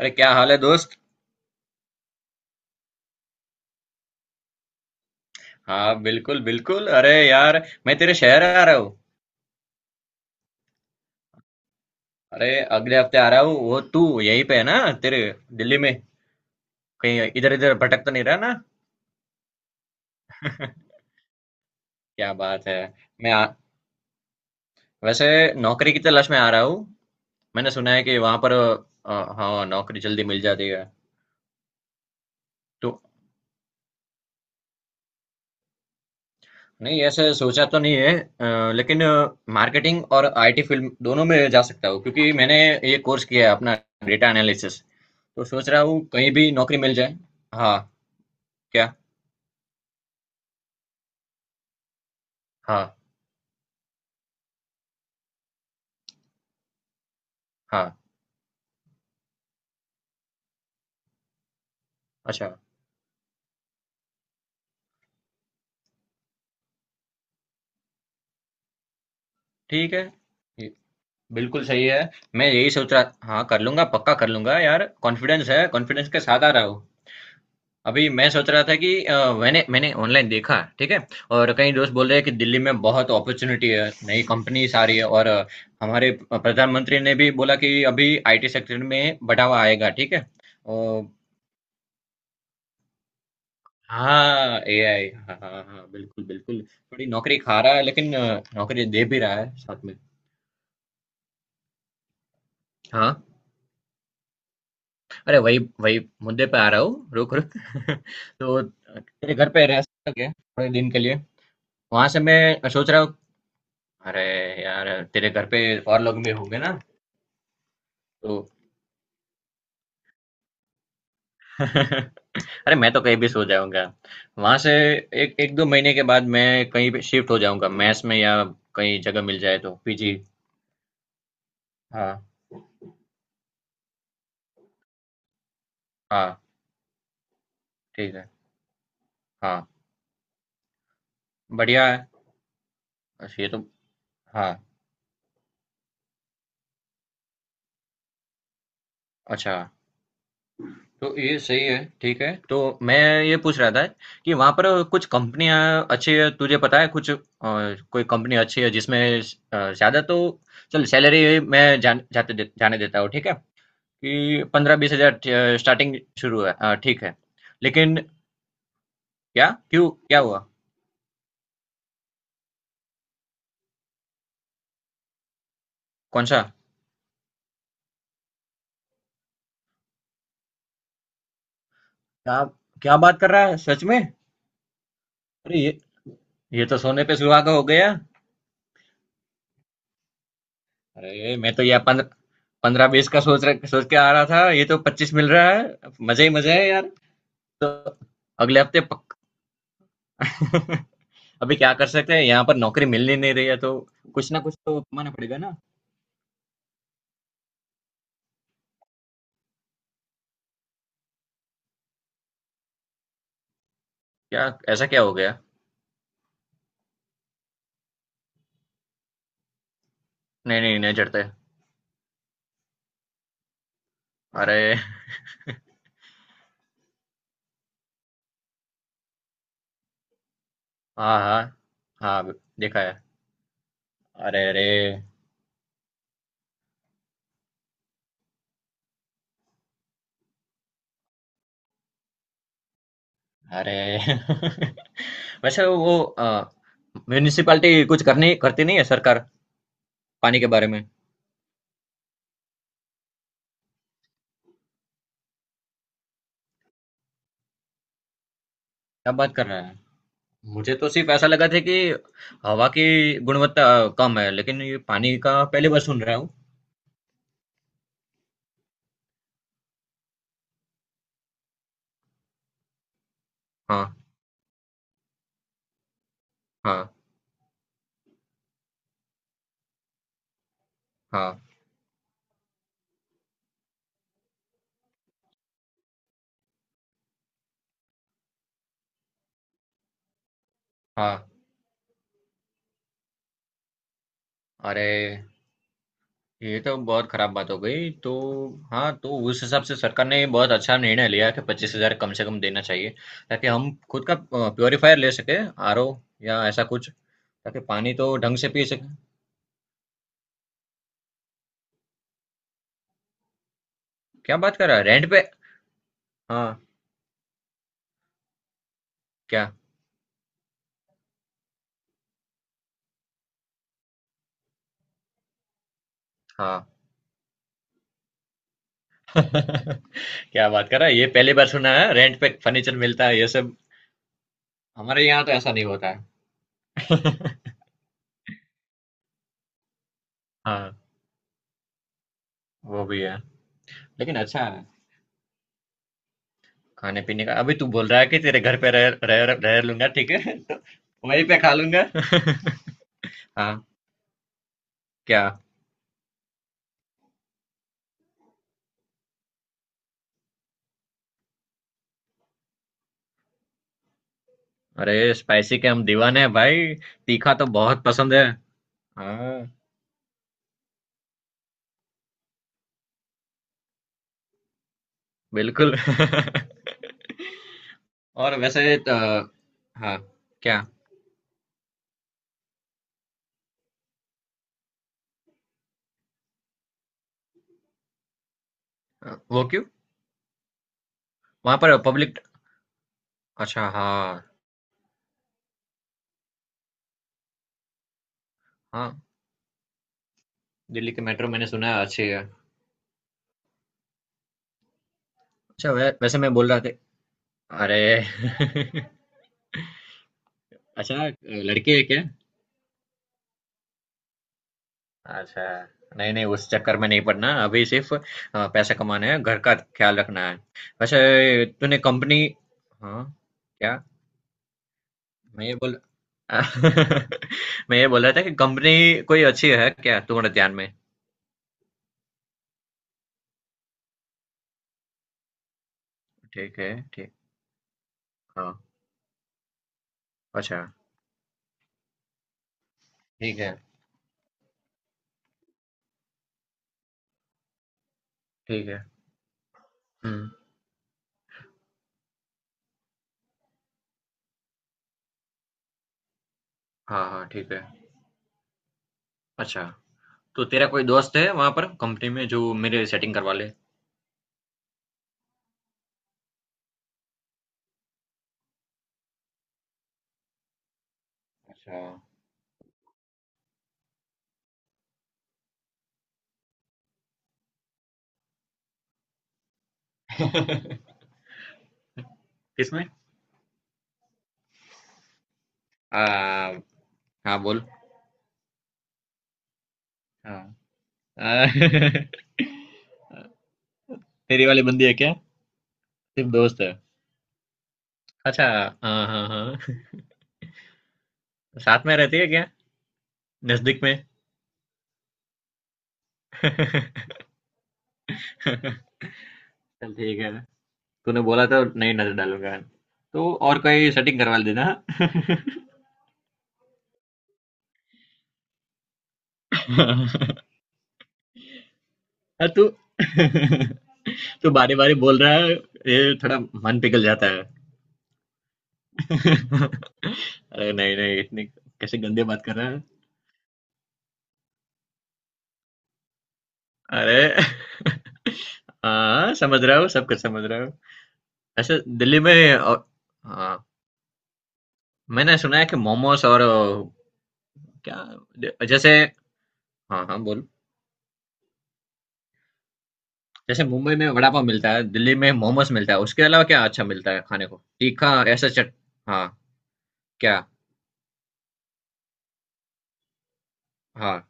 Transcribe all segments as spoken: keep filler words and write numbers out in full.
अरे, क्या हाल है दोस्त? हाँ, बिल्कुल बिल्कुल, अरे यार, मैं तेरे शहर आ रहा हूँ। अरे, अगले हफ्ते आ रहा हूँ। वो तू यहीं पे है ना? तेरे, दिल्ली में? कहीं इधर इधर भटक तो नहीं रहा ना? क्या बात है। मैं आ, वैसे नौकरी की तलाश में आ रहा हूँ। मैंने सुना है कि वहां पर अ, हाँ, नौकरी जल्दी मिल जाती है। तो नहीं, ऐसे सोचा तो नहीं है, अ, लेकिन मार्केटिंग और आई टी फील्ड दोनों में जा सकता हूँ, क्योंकि मैंने ये कोर्स किया है अपना, डेटा एनालिसिस। तो सोच रहा हूँ कहीं भी नौकरी मिल जाए। हाँ। क्या? हाँ, हाँ, अच्छा, ठीक है। ये बिल्कुल सही है। मैं यही सोच रहा, हाँ, कर लूँगा, पक्का कर लूँगा यार। कॉन्फिडेंस है, कॉन्फिडेंस के साथ आ रहा हूँ। अभी मैं सोच रहा था कि अ, मैंने मैंने ऑनलाइन देखा, ठीक है? और कई दोस्त बोल रहे हैं कि दिल्ली में बहुत अपॉर्चुनिटी है, नई कंपनीज आ रही है, और अ, हमारे प्रधानमंत्री ने भी बोला कि अभी आई टी सेक्टर में बढ़ावा आएगा, ठीक है? और हाँ, ए आई, हाँ हाँ हाँ, बिल्कुल बिल्कुल। थोड़ी नौकरी खा रहा है, लेकिन अ, नौकरी दे भी रहा है साथ में। हाँ। अरे वही वही मुद्दे पे आ रहा हूँ, रुक रुक। तो, तेरे घर पे रह सकता क्या थोड़े दिन के लिए? वहां से मैं सोच रहा हूँ, अरे यार, तेरे घर पे और लोग भी होंगे ना? तो अरे, मैं तो कहीं भी सो जाऊंगा। वहां से एक एक दो महीने के बाद मैं कहीं पे शिफ्ट हो जाऊंगा, मैस में, या कहीं जगह मिल जाए तो पी जी। हाँ हाँ, ठीक है। हाँ, बढ़िया है। अच्छा, ये तो, हाँ, अच्छा। तो ये सही है, ठीक है। तो मैं ये पूछ रहा था कि वहाँ पर कुछ कंपनियाँ अच्छी है, तुझे पता है कुछ अ, कोई कंपनी अच्छी है जिसमें अ, ज़्यादा तो चल, सैलरी मैं जान, जाते दे, जाने देता हूँ, ठीक है? कि पंद्रह बीस हजार अ, स्टार्टिंग शुरू है, अ, ठीक है। लेकिन क्या? क्यों? क्या हुआ? कौन सा? क्या? क्या बात कर रहा है, सच में? अरे ये ये तो सोने पे सुहागा हो गया। अरे मैं तो यार, पंद्रह पंद्रह बीस का सोच रहा, सोच के आ रहा था, ये तो पच्चीस मिल रहा है। मजे ही मजे है यार। तो अगले हफ्ते पक अभी क्या कर सकते हैं? यहाँ पर नौकरी मिल ही नहीं रही है तो कुछ ना कुछ तो कमाना पड़ेगा ना। क्या? ऐसा क्या हो गया? नहीं नहीं नहीं चढ़ते। अरे हाँ हाँ हाँ, देखा है, अरे अरे अरे। वैसे वो म्यूनिसिपैलिटी कुछ करनी, करती नहीं है सरकार पानी के बारे में? क्या बात कर रहा है? मुझे तो सिर्फ ऐसा लगा था कि हवा की गुणवत्ता कम है, लेकिन ये पानी का पहली बार सुन रहा हूँ। हाँ हाँ हाँ हाँ। अरे, ये तो बहुत खराब बात हो गई। तो हाँ, तो उस हिसाब से सरकार ने बहुत अच्छा निर्णय लिया कि पच्चीस हजार कम से कम देना चाहिए, ताकि हम खुद का प्योरीफायर ले सके, आर ओ, या ऐसा कुछ, ताकि पानी तो ढंग से पी सके। क्या बात कर रहा है, रेंट पे? हाँ। क्या? हाँ। क्या बात कर रहा है, ये पहली बार सुना है रेंट पे फर्नीचर मिलता है ये सब। हमारे यहाँ तो ऐसा नहीं होता है। हाँ, वो भी है, लेकिन अच्छा है। खाने पीने का अभी तू बोल रहा है कि तेरे घर पे रह रह रह लूंगा, ठीक है। तो वहीं पे खा लूंगा। हाँ। क्या? अरे, स्पाइसी के हम दीवाने हैं भाई, तीखा तो बहुत पसंद है। हाँ, बिल्कुल। और वैसे तो, हाँ। क्या? वो क्यों? वहां पर पब्लिक। अच्छा, हाँ हाँ। दिल्ली की मेट्रो मैंने सुना है अच्छी है। अच्छा, वै, वैसे मैं बोल रहा था, अरे। अच्छा, लड़की है क्या? अच्छा, नहीं नहीं, उस चक्कर में नहीं पड़ना अभी, सिर्फ अ, पैसा कमाना है, घर का ख्याल रखना है। वैसे तूने कंपनी? हाँ। क्या? मैं ये बोल। मैं ये बोल रहा था कि कंपनी कोई अच्छी है क्या तुम्हारे ध्यान में? ठीक है, ठीक। हाँ, अच्छा, ठीक है। ठीक है। हम्म। हाँ हाँ, ठीक है। अच्छा, तो तेरा कोई दोस्त है वहां पर कंपनी में जो मेरे सेटिंग करवा ले? अच्छा, किसमें? आ, हाँ, बोल। हाँ, आ, तेरी वाली बंदी है क्या? सिर्फ दोस्त है? अच्छा, हाँ हाँ हाँ। साथ में रहती है क्या? नजदीक में। चल, ठीक है। तूने बोला था नहीं नजर डालूंगा। तो और कोई सेटिंग करवा देना। हाँ, तू तू बारे बारे बोल रहा है, ये थोड़ा मन पिघल जाता है। अरे नहीं नहीं, इतनी कैसे गंदे बात कर रहा है? अरे हाँ, समझ रहा हूँ, सब कुछ समझ रहा हूँ। ऐसे दिल्ली में और, हाँ, मैंने सुना है कि मोमोस और अ, क्या, जैसे, हाँ हाँ बोल। जैसे मुंबई में वड़ा पाव मिलता है, दिल्ली में मोमोस मिलता है, उसके अलावा क्या अच्छा मिलता है खाने को, तीखा ऐसा चट? हाँ। क्या? हाँ,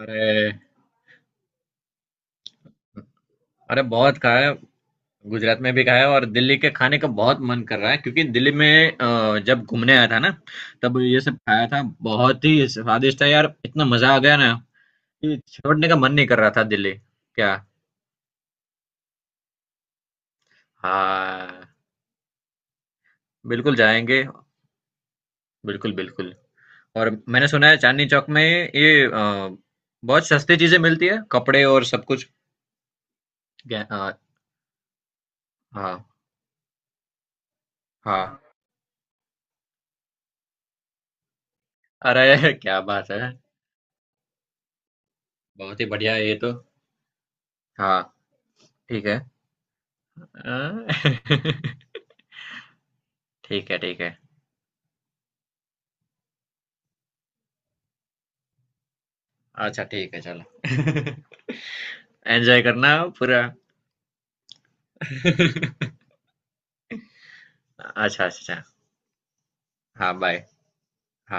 अरे अरे, बहुत खाया। गुजरात में भी खाया, और दिल्ली के खाने का बहुत मन कर रहा है, क्योंकि दिल्ली में अ, जब घूमने आया था ना, तब ये सब खाया था। बहुत ही स्वादिष्ट है यार, इतना मजा आ गया ना कि छोड़ने का मन नहीं कर रहा था दिल्ली। क्या? हाँ, बिल्कुल जाएंगे, बिल्कुल बिल्कुल। और मैंने सुना है चांदनी चौक में ये अ, बहुत सस्ती चीजें मिलती है, कपड़े और सब कुछ। क्या- अ, हाँ हाँ। अरे। क्या बात है, बहुत ही बढ़िया है ये तो। हाँ, ठीक है, अ, ठीक है, ठीक है। अच्छा, ठीक है, चलो। एन्जॉय करना पूरा। अच्छा, अच्छा। हाँ, बाय। हाँ।